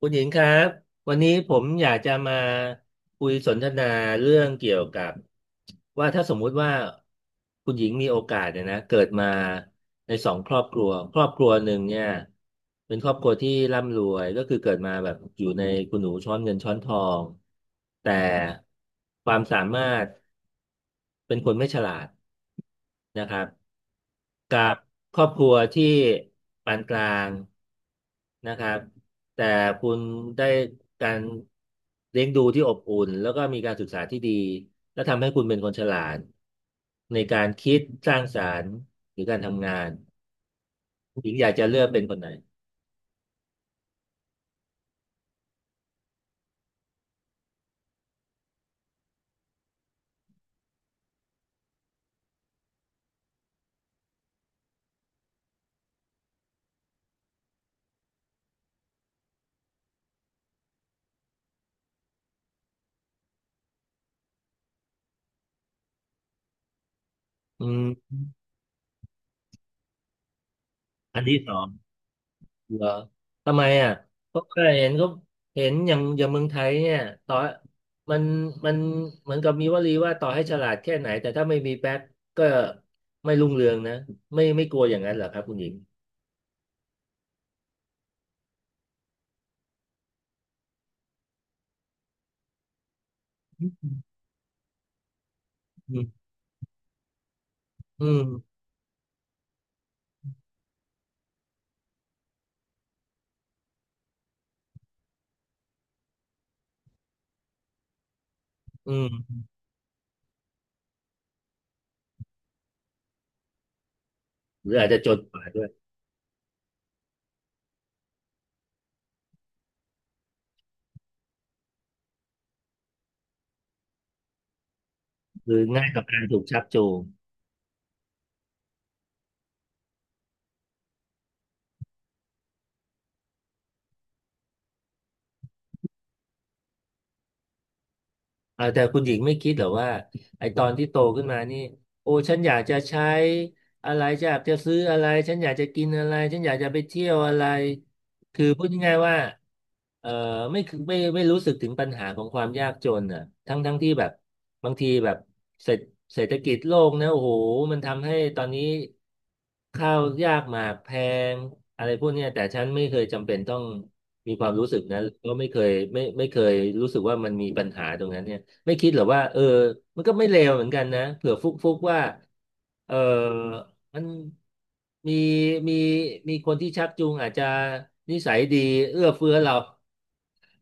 คุณหญิงครับวันนี้ผมอยากจะมาคุยสนทนาเรื่องเกี่ยวกับว่าถ้าสมมุติว่าคุณหญิงมีโอกาสเนี่ยนะเกิดมาในสองครอบครัวครอบครัวหนึ่งเนี่ยเป็นครอบครัวที่ร่ำรวยก็คือเกิดมาแบบอยู่ในคุณหนูช้อนเงินช้อนทองแต่ความสามารถ เป็นคนไม่ฉลาดนะครับกับบครอบครัวที่ปานกลางนะครับแต่คุณได้การเลี้ยงดูที่อบอุ่นแล้วก็มีการศึกษาที่ดีและทำให้คุณเป็นคนฉลาดในการคิดสร้างสรรค์หรือการทำงานหญิงอยากจะเลือกเป็นคนไหนอืมอันที่สอง เหรอทำไมอ่ะ เพราะว่าเห็นก็เห็นอย่างเมืองไทยเนี่ยต่อมันมันเหมือนกับมีวลีว่าต่อให้ฉลาดแค่ไหนแต่ถ้าไม่มีแบ็คก็ไม่รุ่งเรืองนะไม่กลัวอย่างนั้นเหรอครับคุณหญิงอืมอืมอืมหรืออาจจะจนกว่าด้วยคือง่ายต่อการถูกชักจูง เออแต่คุณหญิงไม่คิดเหรอว่าไอตอนที่โตขึ้นมานี่โอ้ฉันอยากจะใช้อะไรจะอยากจะซื้ออะไรฉันอยากจะกินอะไรฉันอยากจะไปเที่ยวอะไรคือพูดง่ายๆว่าเออไม่คือไม่รู้สึกถึงปัญหาของความยากจนอ่ะทั้งที่แบบบางทีแบบเศรษฐเศรษฐกิจโลกนะโอ้โหมันทำให้ตอนนี้ข้าวยากหมากแพงอะไรพวกเนี้ยแต่ฉันไม่เคยจำเป็นต้องมีความรู้สึกนั้นก็ไม่เคยไม่เคยรู้สึกว่ามันมีปัญหาตรงนั้นเนี่ย ไม่คิดเหรอว่ามันก็ไม่เลวเหมือนกันนะเผื่อฟุกฟุกว่าเออมันมีมีมีคนที่ชักจูงอาจจะนิสัยดีเอื้อเฟื้อเรา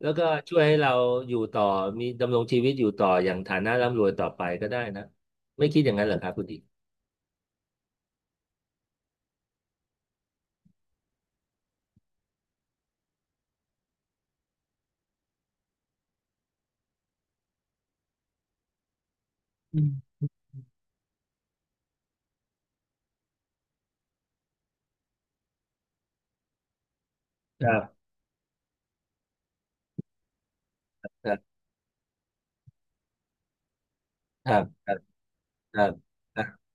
แล้วก็ช่วยให้เราอยู่ต่อมีดำรงชีวิตอยู่ต่ออย่างฐานะร่ำรวยต่อไปก็ได้นะไม่คิดอย่างนั้นเหรอครับคุณดีอืมครับครับครับครับครับครับ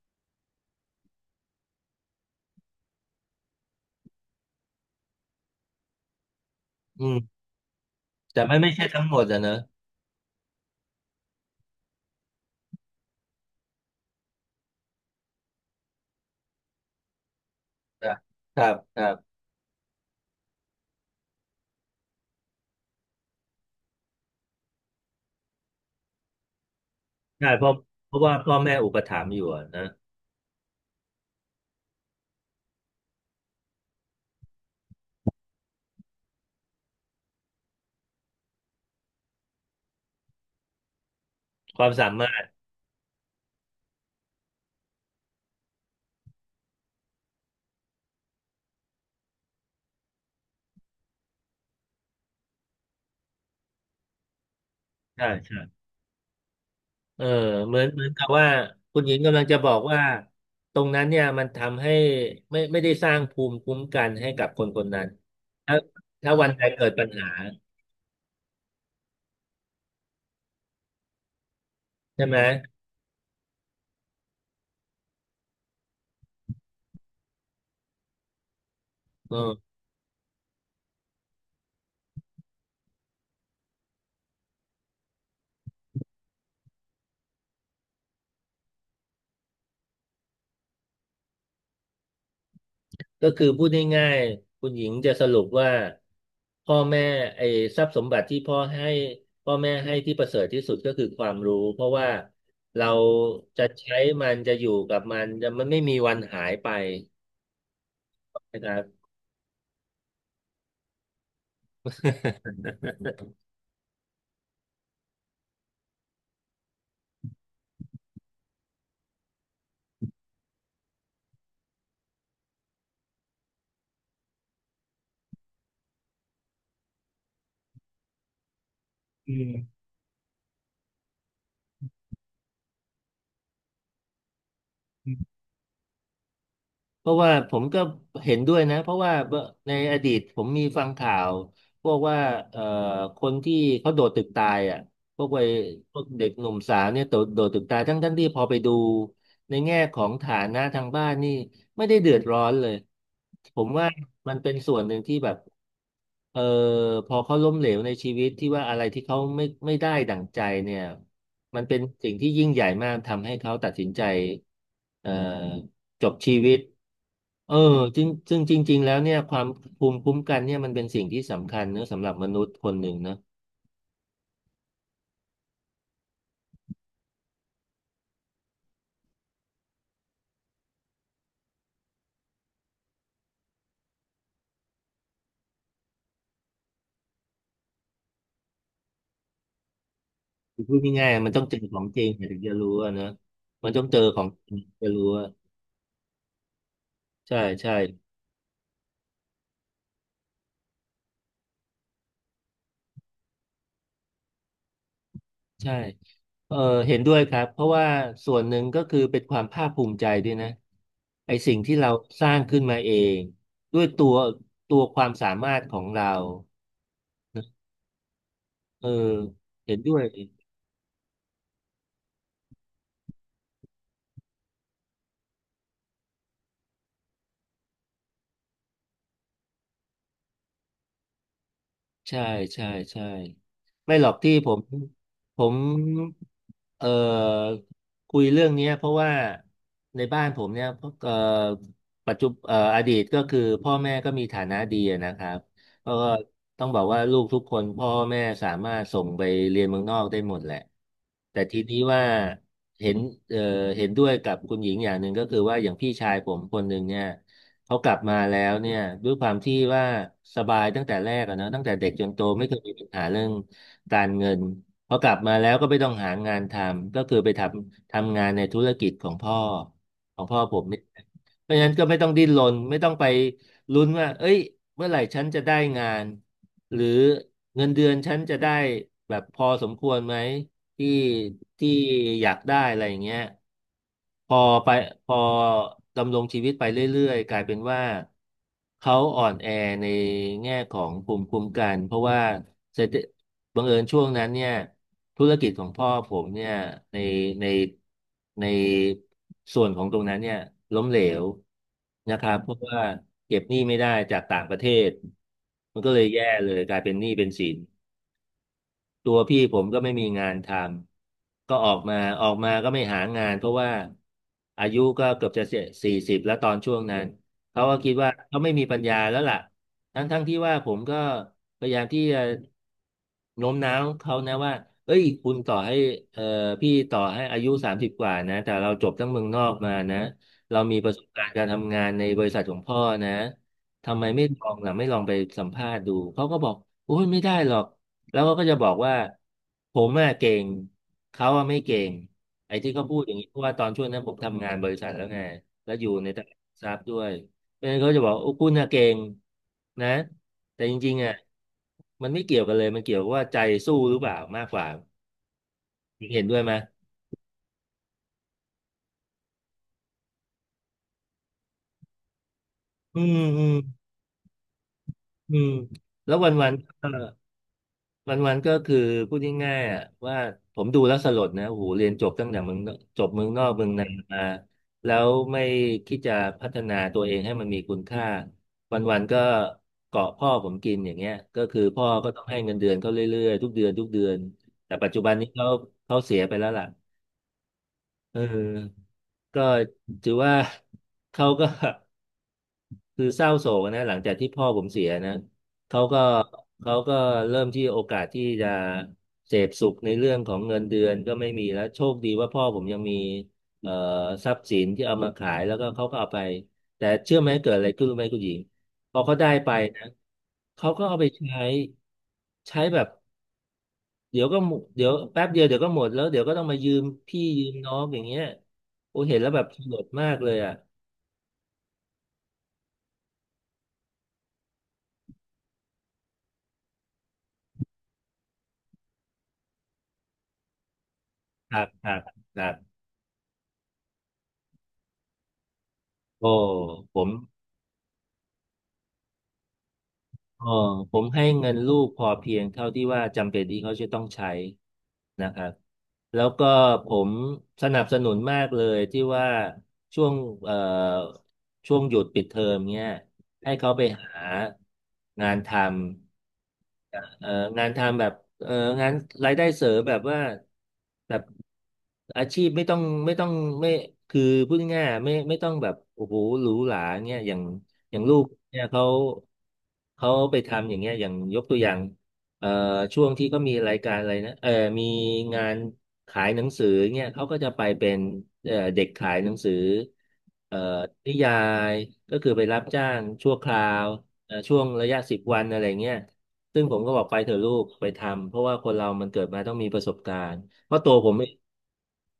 อืมแต่ไม่ใช่ทั้งหมดอะเนอะครับครับครับใช่เพราะว่าพ่อแม่อุปถัมภ์อยู่อะนะความสามารถใช่ใช่ เออเหมือนกับว่าคุณหญิงกำลังจะบอกว่าตรงนั้นเนี่ยมันทำให้ไม่ได้สร้างภูมิคุ้มกันให้กับคนคนนั้นถ้าถ้าวันใดเกิดปัญหาใช่ไหมเออก็คือพูดง่ายๆคุณหญิงจะสรุปว่าพ่อแม่ไอ้ทรัพย์สมบัติที่พ่อให้พ่อแม่ให้ที่ประเสริฐที่สุดก็คือความรู้เพราะว่าเราจะใช้มันจะอยู่กับมันจะมันไม่มีวันหายไปนะครับ อืม เพราะว่าผมก็เห็นด้วยนะเพราะว่าในอดีตผมมีฟังข่าวพวกว่าเอ่อคนที่เขาโดดตึกตายอ่ะพวกวัยพวกเด็กหนุ่มสาวเนี่ยโดดตึกตายทั้งที่พอไปดูในแง่ของฐานะทางบ้านนี่ไม่ได้เดือดร้อนเลยผมว่ามันเป็นส่วนหนึ่งที่แบบเออพอเขาล้มเหลวในชีวิตที่ว่าอะไรที่เขาไม่ได้ดั่งใจเนี่ยมันเป็นสิ่งที่ยิ่งใหญ่มากทำให้เขาตัดสินใจเอ่อ จบชีวิตเออจริงซึ่งจริงๆ แล้วเนี่ยความภูมิคุ้มกันเนี่ยมันเป็นสิ่งที่สำคัญเนอะสำหรับมนุษย์คนหนึ่งเนอะคือพูดง่ายๆมันต้องเจอของจริงถึงจะรู้อะเนอะมันต้องเจอของจริงถึงจะรู้อะใช่ใช่ใช่เออเห็นด้วยครับเพราะว่าส่วนหนึ่งก็คือเป็นความภาคภูมิใจด้วยนะไอสิ่งที่เราสร้างขึ้นมาเองด้วยตัวความสามารถของเราเออเห็นด้วย ใช่ใช่ใช่ไม่หรอกที่ผมเอ่อคุยเรื่องเนี้ยเพราะว่าในบ้านผมเนี่ยเอ่อปัจจุเอ่ออดีตก็คือพ่อแม่ก็มีฐานะดีอะนะครับก็ต้องบอกว่าลูกทุกคนพ่อแม่สามารถส่งไปเรียนเมืองนอกได้หมดแหละแต่ทีนี้ว่าเห็นเอ่อเห็นด้วยกับคุณหญิงอย่างหนึ่งก็คือว่าอย่างพี่ชายผมคนหนึ่งเนี่ย เขากลับมาแล้วเนี่ยด้วยความที่ว่าสบายตั้งแต่แรกอะเนะตั้งแต่เด็กจนโตไม่เคยมีปัญหาเรื่องการเงินพอกลับมาแล้วก็ไม่ต้องหางานทำก็คือไปทำงานในธุรกิจของพ่อของพ่อผมเนี่ยเพราะฉะนั้นก็ไม่ต้องดิ้นรนไม่ต้องไปลุ้นว่าเอ้ยเมื่อไหร่ฉันจะได้งานหรือเงินเดือนฉันจะได้แบบพอสมควรไหม ที่ที่อยากได้อะไรอย่างเงี้ยพอไปพอดำรงชีวิตไปเรื่อยๆกลายเป็นว่าเขาอ่อนแอในแง่ของภูมิคุ้มกันเพราะว่าเศรษฐบังเอิญช่วงนั้นเนี่ยธุรกิจของพ่อผมเนี่ยในในในส่วนของตรงนั้นเนี่ยล้มเหลวนะครับเพราะว่าเก็บหนี้ไม่ได้จากต่างประเทศมันก็เลยแย่เลยกลายเป็นหนี้เป็นสิน ตัวพี่ผมก็ไม่มีงานทำก็ออกมาก็ไม่หางานเพราะว่าอายุก็เกือบจะ40แล้วตอนช่วงนั้นเขาก็คิดว่าเขาไม่มีปัญญาแล้วล่ะทั้งที่ว่าผมก็พยายามที่จะโน้มน้าวเขานะว่าเอ้ยคุณต่อให้เอ่อพี่ต่อให้อายุ30กว่านะแต่เราจบทั้งเมืองนอกมานะเรามีประสบการณ์การทำงานในบริษัทของพ่อนะทำไมไม่ลองล่ะไม่ลองไปสัมภาษณ์ดูเขาก็บอกโอ้ยไม่ได้หรอก แล้วเขาก็จะบอกว่าผมอะเก่งเขาอะไม่เก่งไอ้ที่เขาพูดอย่างนี้เพราะว่าตอนช่วงนั้นผมทำงานบริษัทแล้วไงแล้วอยู่ในตลาดหลักทรัพย์ด้วยเพราะฉะนั้นเขาจะบอกโอ้คุณอะเก่งนะแต่จริงๆอะมันไม่เกี่ยวกันเลยมันเกี่ยวกับว่าใจสู้หรือเปล่ามากกว่าเห็นด้วยไหมอืมอืมอืมแล้ววันๆ วันวันก็คือพูดง่ายๆอ่ะว่าผมดูแล้วสลดนะโอ้โหเรียนจบตั้งแต่เมืองนอกจบเมืองนอกเมืองนามาแล้วไม่คิดจะพัฒนาตัวเองให้มันมีคุณค่าวันวันก็เกาะพ่อผมกินอย่างเงี้ยก็คือพ่อก็ต้องให้เงินเดือนเขาเรื่อยๆทุกเดือนทุกเดือนแต่ปัจจุบันนี้เขาเสียไปแล้วล่ะเออก็ถือว่าเขาก็ คือเศร้าโศกนะหลังจากที่พ่อผมเสียนะเขาก็เขาก็เริ่มที่โอกาสที่จะเสพสุขในเรื่องของเงินเดือนก็ไม่มีแล้วโชคดีว่าพ่อผมยังมีเอ่อทรัพย์สินที่เอามาขายแล้วก็เขาก็เอาไปแต่เชื่อไหมเกิดอะไรขึ้นรู้ไหมคุณหญิงพอเขาได้ไปนะเขาก็เอาไปใช้ใช้แบบเดี๋ยวก็หมดเดี๋ยวแป๊บเดียวเดี๋ยวก็หมดแล้วเดี๋ยวก็ต้องมายืมพี่ยืมน้องอย่างเงี้ยโอ้เห็นแล้วแบบสลดมากเลยอ่ะหักหักหักโอ้ผม เออผมให้เงินลูกพอเพียงเท่าที่ว่าจำเป็นที่เขาจะต้องใช้นะครับแล้วก็ผมสนับสนุนมากเลยที่ว่าช่วงเอ่อช่วงหยุดปิดเทอมเนี่ยให้เขาไปหางานทำ เอ่องานทำแบบเอ่องานรายได้เสริมแบบว่าแบบอาชีพไม่ต้องไม่ต้องไม่คือพูดง่ายๆไม่ต้องแบบโอ้โหหรูหราเงี้ยอย่างลูกเนี่ยเขาไปทำอย่างเงี้ยอย่างยกตัวอย่างเอ่อช่วงที่เขามีรายการอะไรนะเออมีงานขายหนังสือเงี้ยเขาก็จะไปเป็นเด็กขายหนังสือเอ่อนิยายก็คือไปรับจ้างชั่วคราว ช่วงระยะ10 วันอะไรเงี้ยซึ่งผมก็บอกไปเถอะลูกไปทำเพราะว่าคนเรามันเกิดมาต้องมีประสบการณ์เพราะตัวผมเอง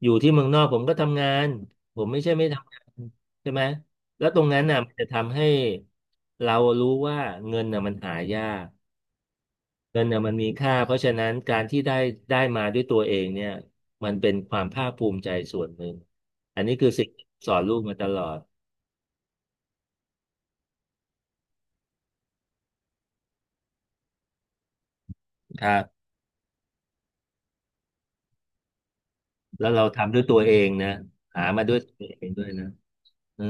อยู่ที่เมืองนอกผมก็ทำงานผมไม่ใช่ไม่ทำงานใช่ไหมแล้วตรงนั้นน่ะมันจะทำให้เรารู้ว่าเงินน่ะมันหายากเงินน่ะมันมีค่าเพราะฉะนั้นการที่ได้มาด้วยตัวเองเนี่ยมันเป็นความภาคภูมิใจส่วนหนึ่งอันนี้คือสิ่งที่สอนลูกมาตลอดครับแล้วเราทำด้วยตัวเองนะหามาด้วยตัวเองด้วยนะ เออ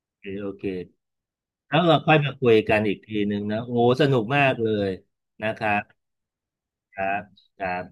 โอเคโอเคแล้วเราค่อยมาคุยกันอีกทีหนึ่งนะโอ้สนุกมากเลยนะครับครับครับ